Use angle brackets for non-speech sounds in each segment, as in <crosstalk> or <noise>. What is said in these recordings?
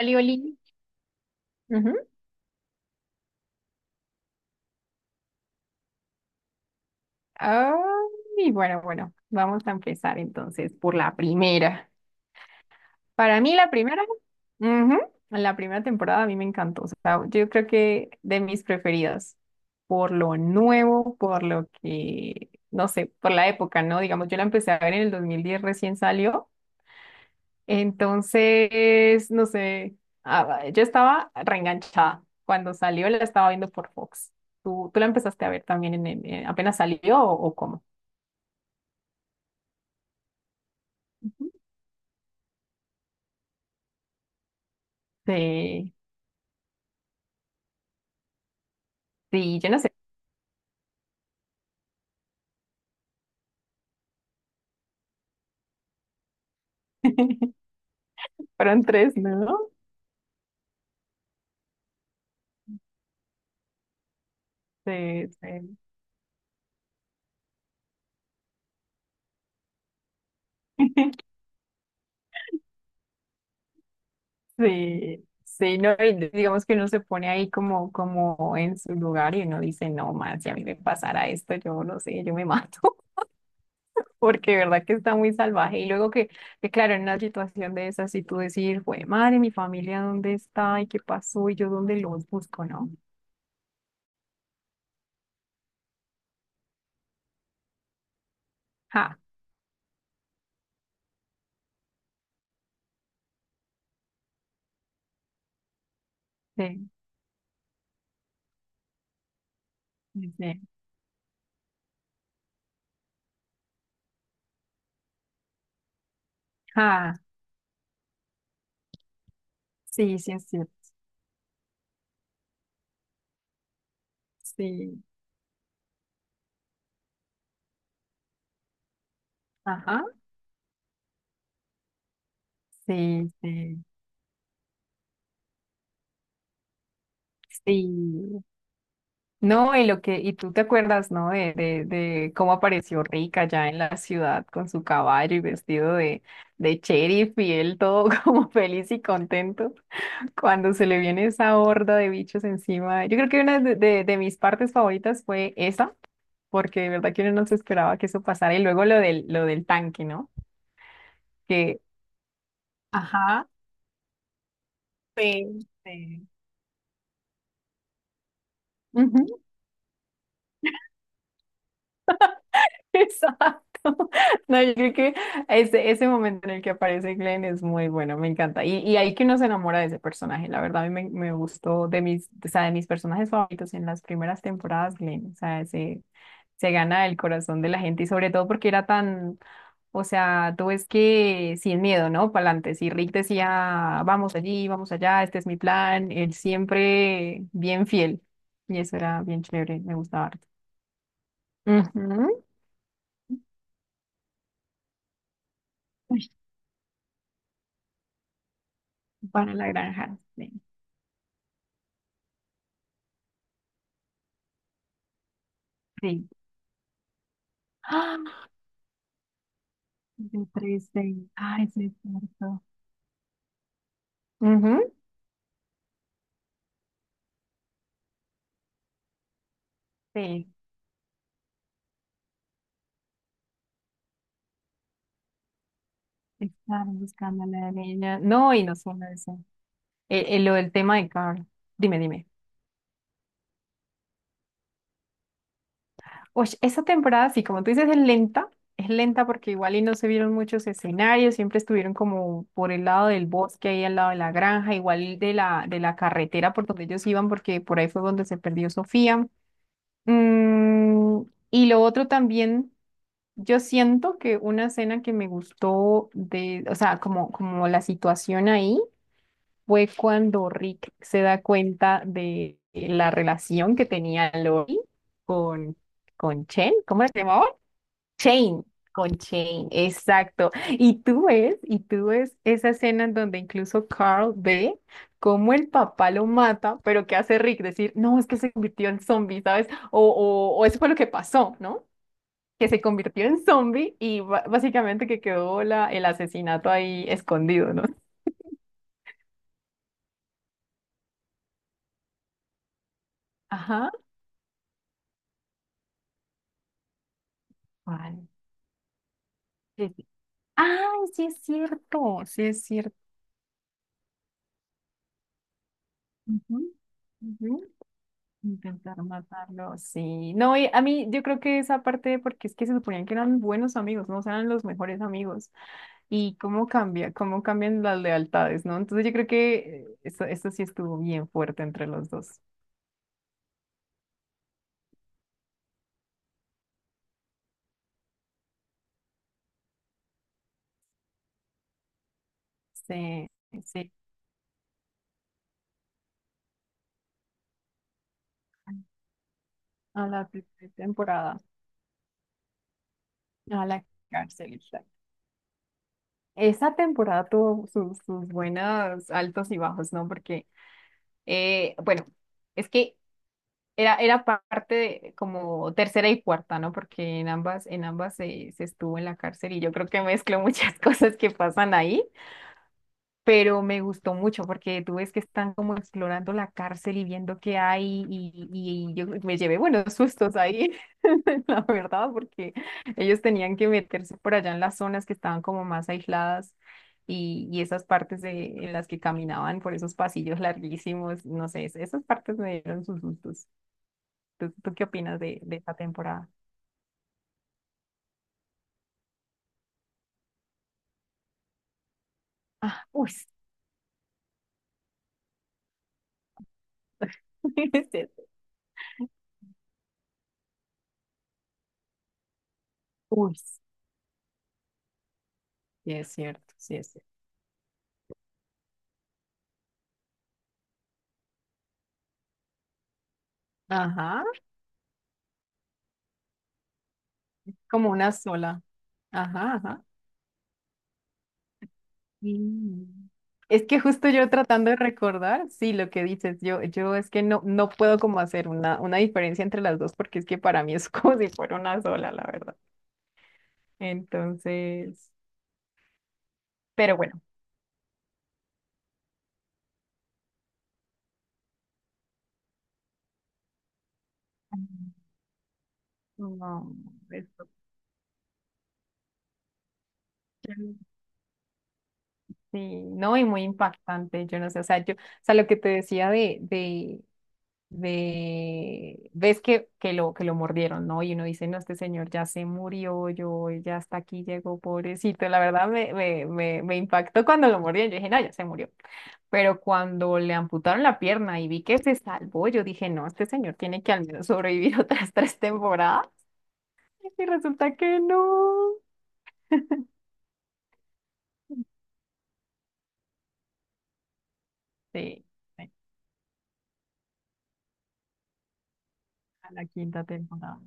Oli, oli. Ah, y bueno, bueno, vamos a empezar entonces por la primera. Para mí la primera, ujú, la primera temporada a mí me encantó. O sea, yo creo que de mis preferidas, por lo nuevo, por lo que, no sé, por la época, ¿no? Digamos, yo la empecé a ver en el 2010, recién salió. Entonces, no sé, ah, yo estaba reenganchada. Cuando salió la estaba viendo por Fox. ¿Tú la empezaste a ver también apenas salió o cómo? Sí, sí, yo no sé. <laughs> Fueron tres, ¿no? Sí, sí. <laughs> Sí, sí, no, y digamos que uno se pone ahí como en su lugar y uno dice, no más, si a mí me pasara esto, yo no sé, yo me mato, <laughs> porque de verdad que está muy salvaje. Y luego que claro, en una situación de esas, si tú decir, güey, madre, mi familia, ¿dónde está? ¿Y qué pasó? ¿Y yo dónde los busco? ¿No? Ja, sí, sí, sí, ja, sí, sí, es cierto, sí, ajá, sí, sí. Sí. No, y lo que, y tú te acuerdas, ¿no? De cómo apareció Rick allá en la ciudad con su caballo y vestido de sheriff y él todo <laughs> como feliz y contento cuando se le viene esa horda de bichos encima. Yo creo que una de mis partes favoritas fue esa, porque de verdad que uno no se esperaba que eso pasara. Y luego lo del tanque, ¿no? Que, ajá, sí, sí. <laughs> Exacto. No, yo creo que ese momento en el que aparece Glenn es muy bueno, me encanta. Y ahí que uno se enamora de ese personaje. La verdad, a mí me gustó de mis, o sea, de mis personajes favoritos en las primeras temporadas, Glenn. O sea, se gana el corazón de la gente y sobre todo porque era tan, o sea, tú ves que sin miedo, ¿no? Para adelante. Si Rick decía, vamos allí, vamos allá, este es mi plan, él siempre bien fiel. Y eso era bien chévere, me gustaba harto. Ujú. Para la granja. Sí. Sí. ¡Ah! De tres de Ay, sí, es cierto. Ujú. Sí. Estaban buscando a la niña. No, y no solo eso. Lo del tema de Carl. Dime, dime. Oye, esa temporada, sí, como tú dices, es lenta. Es lenta porque igual y no se vieron muchos escenarios, siempre estuvieron como por el lado del bosque, ahí al lado de la granja, igual de la carretera por donde ellos iban, porque por ahí fue donde se perdió Sofía. Mm, y lo otro también. Yo siento que una escena que me gustó de, o sea, como la situación ahí fue cuando Rick se da cuenta de la relación que tenía Lori con, con Chen, ¿cómo se llamaba? Chain, con Chain, exacto. Y tú ves esa escena en donde incluso Carl ve cómo el papá lo mata, pero ¿qué hace Rick? Decir, no, es que se convirtió en zombie, ¿sabes? O eso fue lo que pasó, ¿no? Que se convirtió en zombie y básicamente que quedó el asesinato ahí escondido, ¿no? Ajá. ¿Cuál? Sí, sí. Ay, sí es cierto, sí es cierto. Ujú, ujú. Intentar matarlo, sí. No, y a mí yo creo que esa parte, porque es que se suponían que eran buenos amigos, no. O sea, eran los mejores amigos. Y cómo cambia, cómo cambian las lealtades, ¿no? Entonces yo creo que eso sí estuvo bien fuerte entre los dos. Sí, sí. A la primera temporada. A la cárcel, exacto. Esa temporada tuvo sus buenos altos y bajos, ¿no? Porque, bueno, es que era parte de como tercera y cuarta, ¿no? Porque en ambas se estuvo en la cárcel y yo creo que mezcló muchas <laughs> cosas que pasan ahí. Pero me gustó mucho porque tú ves que están como explorando la cárcel y viendo qué hay y yo me llevé buenos sustos ahí, <laughs> la verdad, porque ellos tenían que meterse por allá en las zonas que estaban como más aisladas y esas partes de, en las que caminaban por esos pasillos larguísimos, no sé, esas partes me dieron sus sustos. ¿Tú qué opinas de esta temporada? Ah, uy, <laughs> sí, es cierto. Uy, sí es cierto, sí es cierto. Ajá, como una sola. Ajá, ajá. Mm. Es que justo yo tratando de recordar, sí, lo que dices, yo es que no, no puedo como hacer una diferencia entre las dos porque es que para mí es <laughs> como si fuera una sola, la verdad. Entonces, pero bueno, no, esto- sí, no, y muy impactante, yo no sé, o sea, yo, o sea, lo que te decía ves que lo mordieron, ¿no? Y uno dice, no, este señor ya se murió, yo ya hasta aquí llegó, pobrecito. La verdad me impactó cuando lo mordieron, yo dije, no, ya se murió. Pero cuando le amputaron la pierna y vi que se salvó, yo dije, no, este señor tiene que al menos sobrevivir <laughs> otras tres temporadas. Y resulta que no. Sí, sí, a la quinta temporada.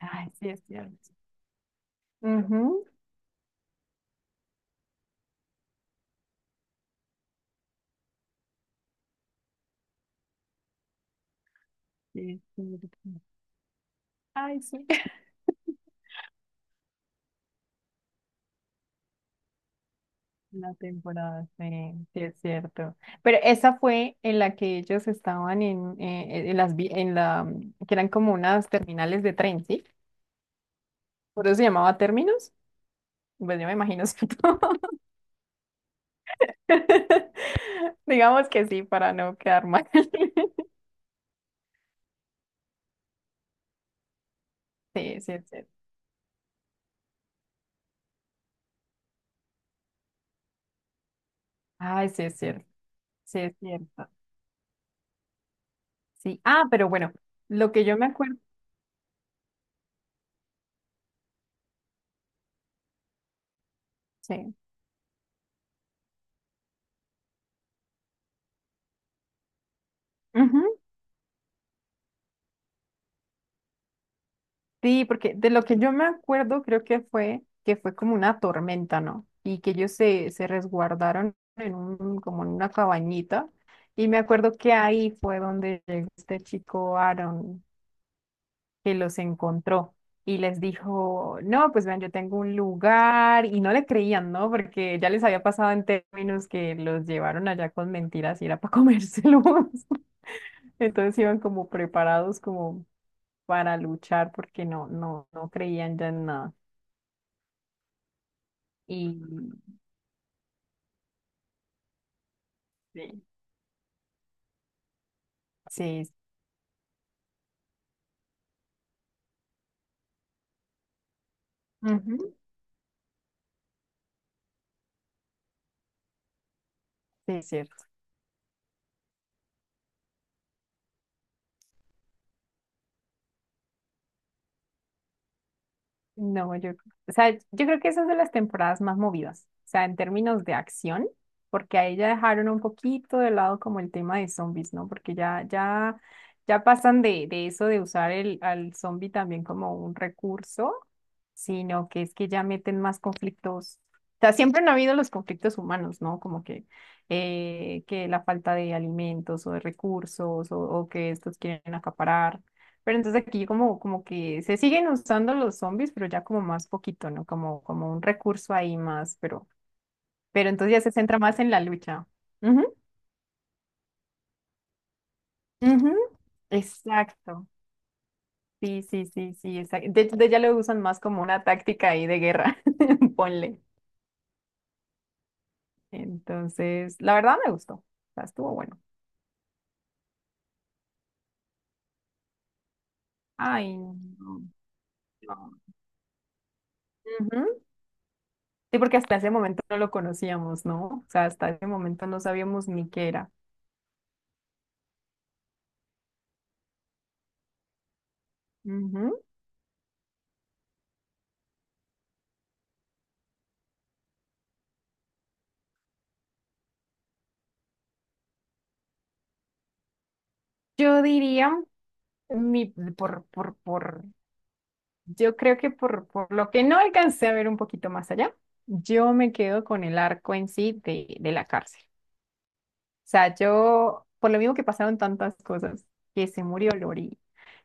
Ay, sí, es cierto. Ujú, sí, es cierto. Ay, sí. La temporada, sí, sí es cierto. Pero esa fue en la que ellos estaban en la que eran como unas terminales de tren, ¿sí? Por eso se llamaba términos. Pues yo me imagino, ¿cierto? <laughs> Digamos que sí, para no quedar mal. <laughs> Sí, sí es cierto. Ay, sí es cierto. Sí es cierto. Sí. Ah, pero bueno, lo que yo me acuerdo, sí. Ujú. Sí, porque de lo que yo me acuerdo creo que fue como una tormenta, ¿no? Y que ellos se resguardaron en un, como en una cabañita. Y me acuerdo que ahí fue donde llegó este chico Aaron que los encontró y les dijo, no, pues vean, yo tengo un lugar. Y no le creían, ¿no? Porque ya les había pasado en términos que los llevaron allá con mentiras y era para comérselos. <laughs> Entonces iban como preparados como para luchar porque no, no, no creían ya en nada. Y Sí. Sí. Ujú. Sí, es cierto. No, yo, o sea, yo creo que esa es de las temporadas más movidas, o sea, en términos de acción, porque ahí ya dejaron un poquito de lado como el tema de zombies, ¿no? Porque ya, ya, ya pasan de eso de usar al zombie también como un recurso, sino que es que ya meten más conflictos. O sea, siempre han habido los conflictos humanos, ¿no? Como que la falta de alimentos o de recursos o que estos quieren acaparar. Pero entonces aquí como que se siguen usando los zombies, pero ya como más poquito, ¿no? Como un recurso ahí más, pero entonces ya se centra más en la lucha. Ujú, ujú, exacto. Sí, sí, sí, sí, exacto. De hecho, ya lo usan más como una táctica ahí de guerra, <laughs> ponle. Entonces, la verdad me gustó. O sea, estuvo bueno. Ay, no. No. Ujú. Sí, porque hasta ese momento no lo conocíamos, ¿no? O sea, hasta ese momento no sabíamos ni qué era. Ujú. Yo diría. Mi, por, yo creo que por lo que no alcancé a ver un poquito más allá, yo me quedo con el arco en sí de la cárcel. O sea, yo, por lo mismo que pasaron tantas cosas, que se murió Lori,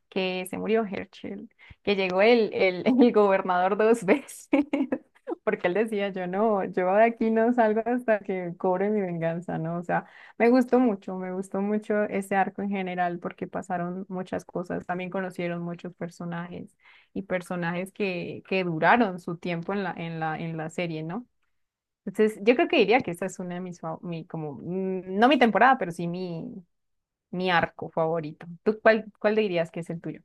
que se murió Herschel, que llegó el, <laughs> el gobernador dos veces, <laughs> porque él decía, yo no, yo de aquí no salgo hasta que cobre mi venganza, ¿no? O sea, me gustó mucho ese arco en general, porque pasaron muchas cosas, también conocieron muchos personajes y personajes que duraron su tiempo en la serie, ¿no? Entonces, yo creo que diría que esta es una de mis, mi, como, no mi temporada, pero sí mi arco favorito. ¿Tú cuál dirías que es el tuyo?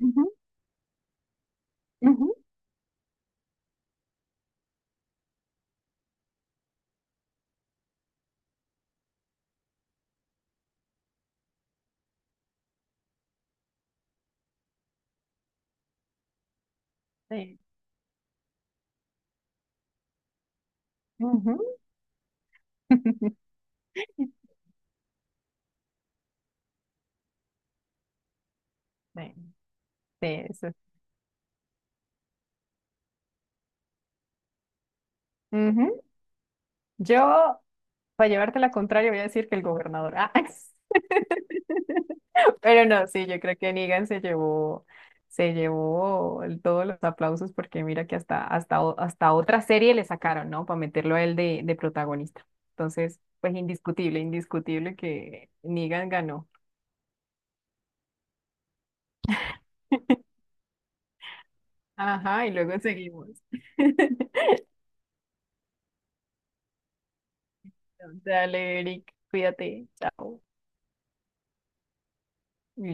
Ujú. Ujú, sí. Ujú. <laughs> Sí, sí, eso. Ujú. Yo, para llevarte la contraria, voy a decir que el gobernador. Ah, <laughs> pero no, sí, yo creo que Negan se llevó todos los aplausos porque mira que hasta otra serie le sacaron, ¿no? Para meterlo a él de protagonista. Entonces, pues indiscutible, indiscutible que Negan ganó. Ajá, y luego seguimos. <laughs> Dale, Eric, cuídate. Chao.